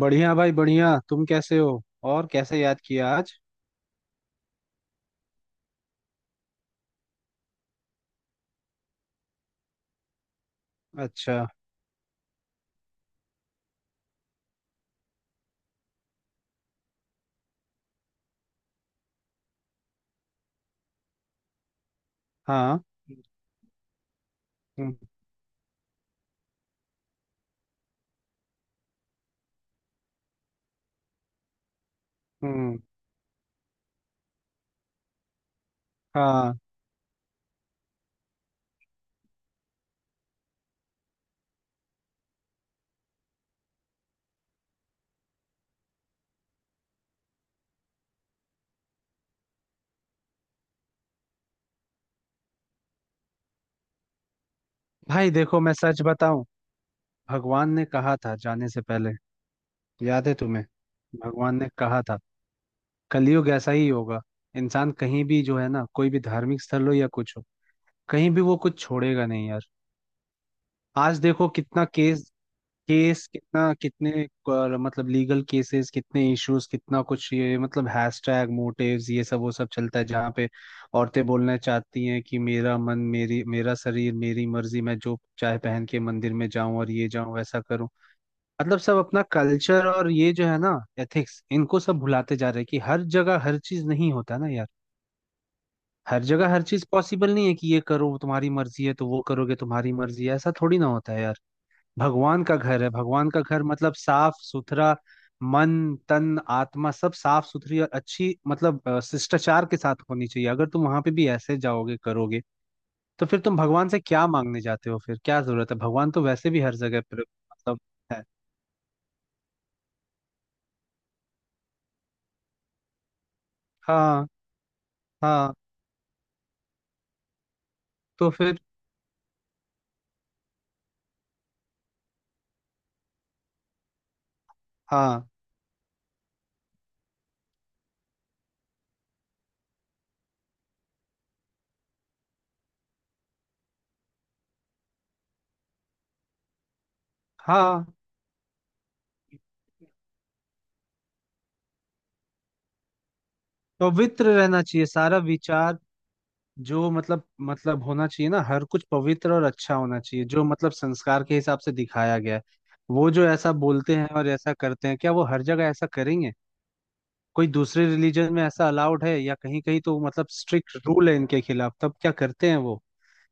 बढ़िया भाई बढ़िया। तुम कैसे हो और कैसे याद किया आज? अच्छा। हाँ। हम्म। हम्म, हाँ, भाई देखो मैं सच बताऊं। भगवान ने कहा था जाने से पहले, याद है तुम्हें? भगवान ने कहा था कलयुग ऐसा ही होगा। इंसान कहीं भी जो है ना, कोई भी धार्मिक स्थल हो या कुछ हो, कहीं भी वो कुछ छोड़ेगा नहीं यार। आज देखो कितना केस, केस कितना, कितने मतलब लीगल केसेस कितने, इश्यूज कितना कुछ, ये मतलब हैशटैग मोटिव्स ये सब वो सब चलता है। जहाँ पे औरतें बोलना चाहती हैं कि मेरा मन मेरी, मेरा शरीर मेरी मर्जी, मैं जो चाहे पहन के मंदिर में जाऊं और ये जाऊं वैसा करूं। मतलब सब अपना कल्चर और ये जो है ना, एथिक्स इनको सब भुलाते जा रहे हैं। कि हर जगह हर चीज नहीं होता ना यार। हर जगह हर चीज पॉसिबल नहीं है कि ये करो तुम्हारी मर्जी है तो वो करोगे तुम्हारी मर्जी है, ऐसा थोड़ी ना होता है यार। भगवान का घर है, भगवान का घर मतलब साफ सुथरा। मन, तन, आत्मा सब साफ सुथरी और अच्छी मतलब शिष्टाचार के साथ होनी चाहिए। अगर तुम वहां पे भी ऐसे जाओगे करोगे तो फिर तुम भगवान से क्या मांगने जाते हो? फिर क्या जरूरत है? भगवान तो वैसे भी हर जगह पर मतलब है। हाँ। हाँ तो फिर। हाँ। हाँ, पवित्र रहना चाहिए सारा विचार। जो मतलब होना चाहिए ना, हर कुछ पवित्र और अच्छा होना चाहिए, जो मतलब संस्कार के हिसाब से दिखाया गया है। वो जो ऐसा बोलते हैं और ऐसा करते हैं क्या वो हर जगह ऐसा करेंगे? कोई दूसरे रिलीजन में ऐसा अलाउड है? या कहीं कहीं तो मतलब स्ट्रिक्ट रूल है इनके खिलाफ, तब क्या करते हैं वो?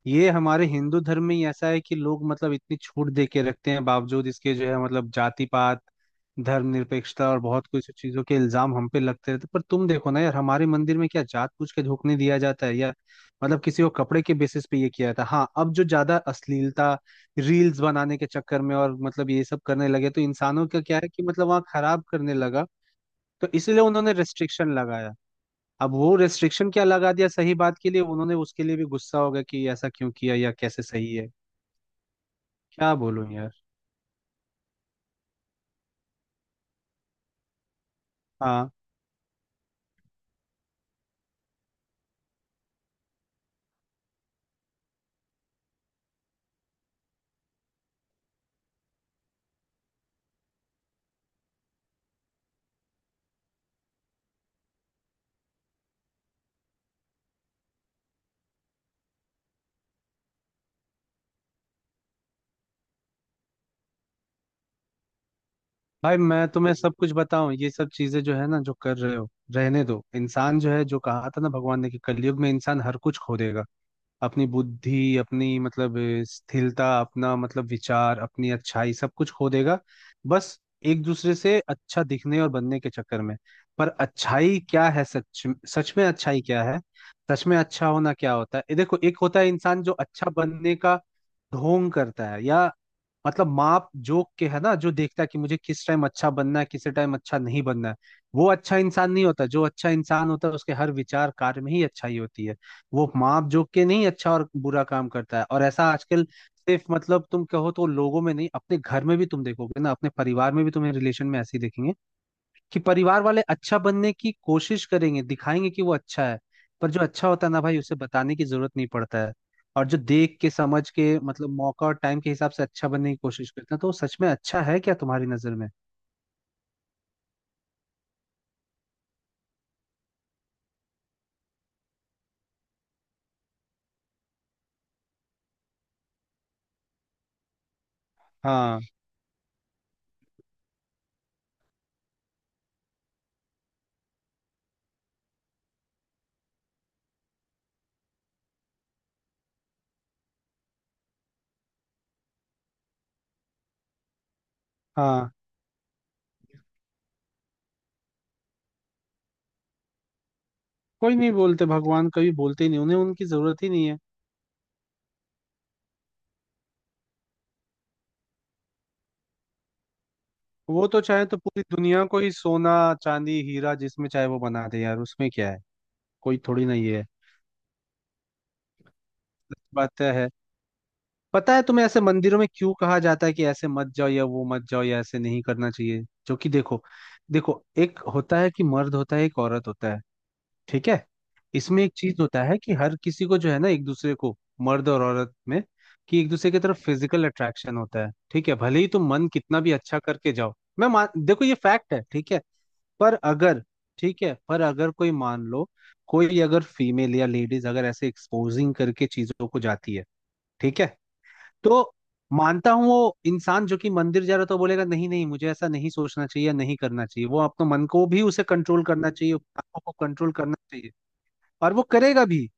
ये हमारे हिंदू धर्म में ही ऐसा है कि लोग मतलब इतनी छूट दे के रखते हैं। बावजूद इसके जो है मतलब जाति पात, धर्मनिरपेक्षता और बहुत कुछ चीजों के इल्जाम हम पे लगते रहते। पर तुम देखो ना यार, हमारे मंदिर में क्या जात पूछ के झोंकने दिया जाता है यार? मतलब किसी को कपड़े के बेसिस पे ये किया जाता है। हाँ, अब जो ज्यादा अश्लीलता, रील्स बनाने के चक्कर में और मतलब ये सब करने लगे, तो इंसानों का क्या है कि मतलब वहाँ खराब करने लगा। तो इसलिए उन्होंने रेस्ट्रिक्शन लगाया। अब वो रेस्ट्रिक्शन क्या लगा दिया सही बात के लिए, उन्होंने उसके लिए भी गुस्सा होगा कि ऐसा क्यों किया या कैसे सही है। क्या बोलूं यार। हाँ, भाई मैं तुम्हें सब कुछ बताऊं, ये सब चीजें जो है ना जो कर रहे हो, रहने दो। इंसान जो है, जो कहा था ना भगवान ने कि कलयुग में इंसान हर कुछ खो देगा। अपनी बुद्धि, अपनी मतलब स्थिरता, अपना मतलब विचार, अपनी अच्छाई, सब कुछ खो देगा। बस एक दूसरे से अच्छा दिखने और बनने के चक्कर में। पर अच्छाई क्या है सच? सच में अच्छाई क्या है? सच में अच्छा होना क्या होता है? ये देखो, एक होता है इंसान जो अच्छा बनने का ढोंग करता है, या मतलब माप जोक के है ना, जो देखता है कि मुझे किस टाइम अच्छा बनना है, किस टाइम अच्छा नहीं बनना है। वो अच्छा इंसान नहीं होता। जो अच्छा इंसान होता है उसके हर विचार कार्य में ही अच्छाई होती है। वो माप जोक के नहीं अच्छा और बुरा काम करता है। और ऐसा आजकल सिर्फ मतलब तुम कहो तो लोगों में नहीं, अपने घर में भी तुम देखोगे ना, अपने परिवार में भी, तुम्हें रिलेशन में ऐसे ही देखेंगे कि परिवार वाले अच्छा बनने की कोशिश करेंगे, दिखाएंगे कि वो अच्छा है। पर जो अच्छा होता है ना भाई, उसे बताने की जरूरत नहीं पड़ता है। और जो देख के समझ के मतलब मौका और टाइम के हिसाब से अच्छा बनने की कोशिश करते हैं, तो वो सच में अच्छा है क्या तुम्हारी नजर में? हाँ। हाँ, कोई नहीं बोलते भगवान, कभी बोलते ही नहीं, उन्हें उनकी जरूरत ही नहीं है। वो तो चाहे तो पूरी दुनिया को ही सोना, चांदी, हीरा जिसमें चाहे वो बना दे यार, उसमें क्या है। कोई थोड़ी ना ये है। सच बात है। पता है तुम्हें ऐसे मंदिरों में क्यों कहा जाता है कि ऐसे मत जाओ या वो मत जाओ या ऐसे नहीं करना चाहिए? जो कि देखो, देखो, एक होता है कि मर्द होता है एक औरत होता है, ठीक है? इसमें एक चीज होता है कि हर किसी को जो है ना, एक दूसरे को, मर्द और औरत में, कि एक दूसरे की तरफ फिजिकल अट्रैक्शन होता है, ठीक है? भले ही तुम मन कितना भी अच्छा करके जाओ, मैं मान, देखो ये फैक्ट है, ठीक है? पर अगर, ठीक है, पर अगर कोई मान लो, कोई अगर फीमेल या लेडीज अगर ऐसे एक्सपोजिंग करके चीजों को जाती है, ठीक है, तो मानता हूँ वो इंसान जो कि मंदिर जा रहा था वो बोलेगा नहीं नहीं, मुझे ऐसा नहीं सोचना चाहिए, नहीं करना चाहिए, वो अपने मन को भी, उसे कंट्रोल करना चाहिए, आंखों को कंट्रोल करना चाहिए। और वो करेगा भी।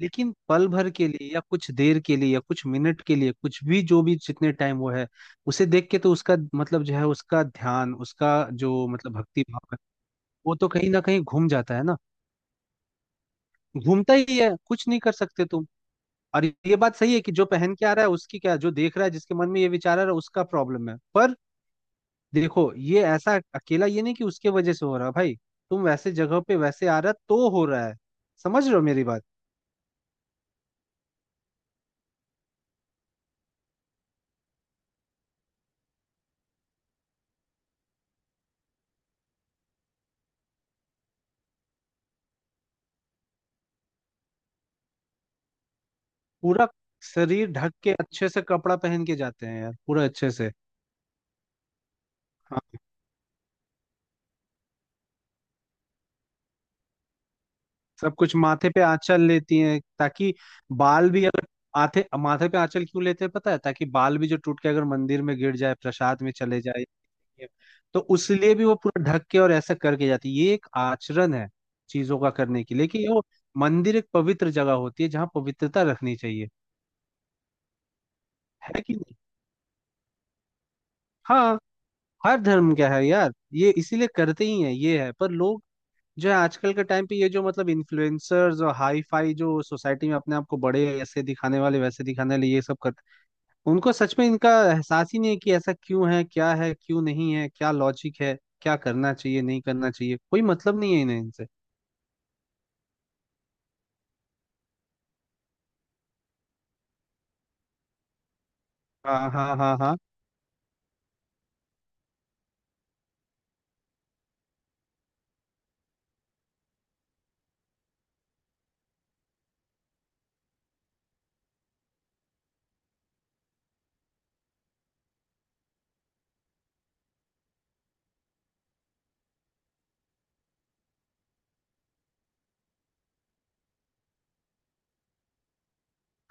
लेकिन पल भर के लिए या कुछ देर के लिए या कुछ मिनट के लिए, कुछ भी जो भी जितने टाइम वो है उसे देख के, तो उसका मतलब जो है उसका ध्यान, उसका जो मतलब भक्ति भाव है, वो तो कहीं ना कहीं घूम जाता है ना। घूमता ही है, कुछ नहीं कर सकते तुम। और ये बात सही है कि जो पहन के आ रहा है उसकी क्या, जो देख रहा है जिसके मन में ये विचार आ रहा है उसका प्रॉब्लम है। पर देखो, ये ऐसा अकेला ये नहीं कि उसके वजह से हो रहा भाई, तुम वैसे जगह पे वैसे आ रहा तो हो रहा है। समझ रहे हो मेरी बात? पूरा शरीर ढक के अच्छे से कपड़ा पहन के जाते हैं यार, पूरा अच्छे से। सब कुछ माथे पे आंचल लेती हैं ताकि बाल भी अगर, माथे माथे पे आंचल क्यों लेते हैं पता है? ताकि बाल भी जो टूट के अगर मंदिर में गिर जाए, प्रसाद में चले जाए। तो उसलिए भी वो पूरा ढक के और ऐसा करके जाती है। ये एक आचरण है चीजों का करने की। लेकिन वो मंदिर एक पवित्र जगह होती है जहाँ पवित्रता रखनी चाहिए, है कि नहीं? हाँ। हर धर्म क्या है यार, ये इसीलिए करते ही है, ये है। पर लोग जो है आजकल के टाइम पे, ये जो मतलब इन्फ्लुएंसर्स और हाई फाई जो सोसाइटी में अपने आप को बड़े ऐसे दिखाने वाले, वैसे दिखाने वाले, ये सब करते हैं, उनको सच में इनका एहसास ही नहीं है कि ऐसा क्यों है, क्या है, क्यों नहीं है, क्या लॉजिक है, क्या करना चाहिए नहीं करना चाहिए। कोई मतलब नहीं है इन्हें इनसे। हाँ, हाँ, हाँ, हाँ,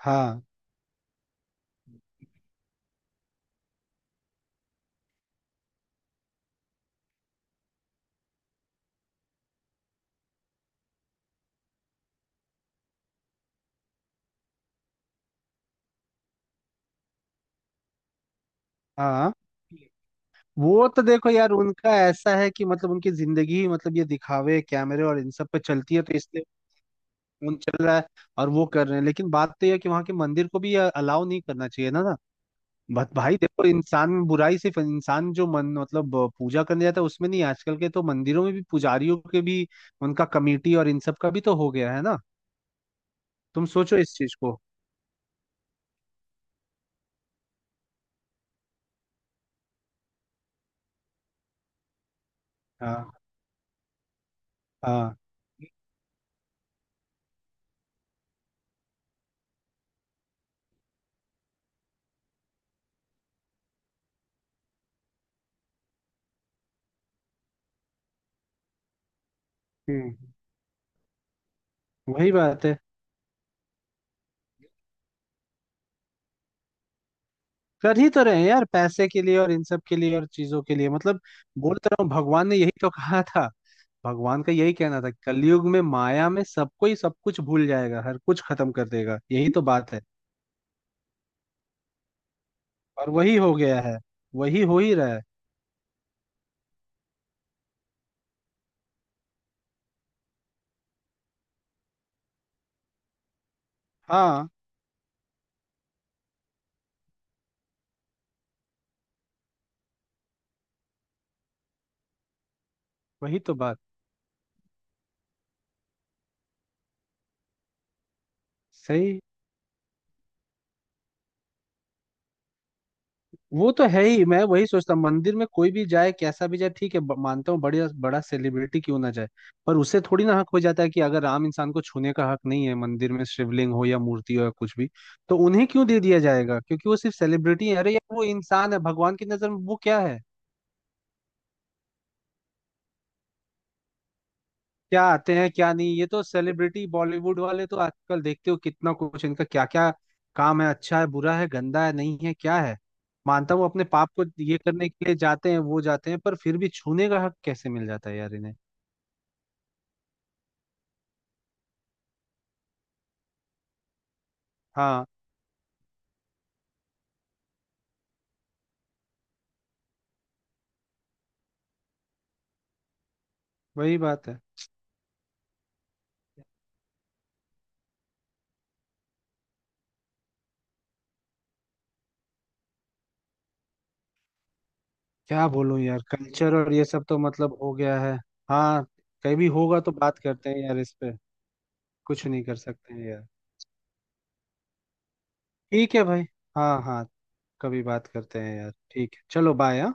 हाँ, हाँ, वो तो देखो यार, उनका ऐसा है कि मतलब उनकी जिंदगी ही मतलब ये दिखावे, कैमरे और इन सब पे चलती है, तो इसलिए उन चल रहा है और वो कर रहे हैं। लेकिन बात तो यह है कि वहाँ के मंदिर को भी अलाउ नहीं करना चाहिए ना। बट भाई देखो, इंसान में बुराई सिर्फ इंसान जो मन मतलब पूजा करने जाता है उसमें नहीं, आजकल के तो मंदिरों में भी पुजारियों के भी, उनका कमेटी और इन सब का भी तो हो गया है ना। तुम सोचो इस चीज को। हाँ, हाँ। हम्म। वही बात है। कर ही तो रहे हैं यार, पैसे के लिए और इन सब के लिए और चीजों के लिए मतलब। बोल तो रहा हूँ भगवान ने यही तो कहा था। भगवान का यही कहना था कलयुग में माया में सबको ही सब कुछ भूल जाएगा, हर कुछ खत्म कर देगा, यही तो बात है। और वही हो गया है। वही हो ही रहा है। हाँ वही। तो बात सही। वो तो है ही। मैं वही सोचता हूँ, मंदिर में कोई भी जाए कैसा भी जाए ठीक है, मानता हूँ बड़े, बड़ा सेलिब्रिटी क्यों ना जाए, पर उसे थोड़ी ना हक हो जाता है कि अगर आम इंसान को छूने का हक नहीं है मंदिर में, शिवलिंग हो या मूर्ति हो या कुछ भी, तो उन्हें क्यों दे दिया जाएगा क्योंकि वो सिर्फ सेलिब्रिटी है? अरे यार, वो इंसान है, भगवान की नजर में वो क्या है। क्या आते हैं क्या नहीं, ये तो सेलिब्रिटी बॉलीवुड वाले तो आजकल देखते हो कितना कुछ इनका, क्या क्या काम है, अच्छा है, बुरा है, गंदा है, नहीं है, क्या है। मानता हूँ अपने पाप को ये करने के लिए जाते हैं वो जाते हैं, पर फिर भी छूने का हक कैसे मिल जाता है यार इन्हें? हाँ वही बात है। क्या बोलूं यार, कल्चर और ये सब तो मतलब हो गया है। हाँ। कहीं भी होगा तो बात करते हैं यार इस पे। कुछ नहीं कर सकते हैं यार। ठीक है भाई। हाँ, हाँ। कभी बात करते हैं यार, ठीक है, चलो बाय।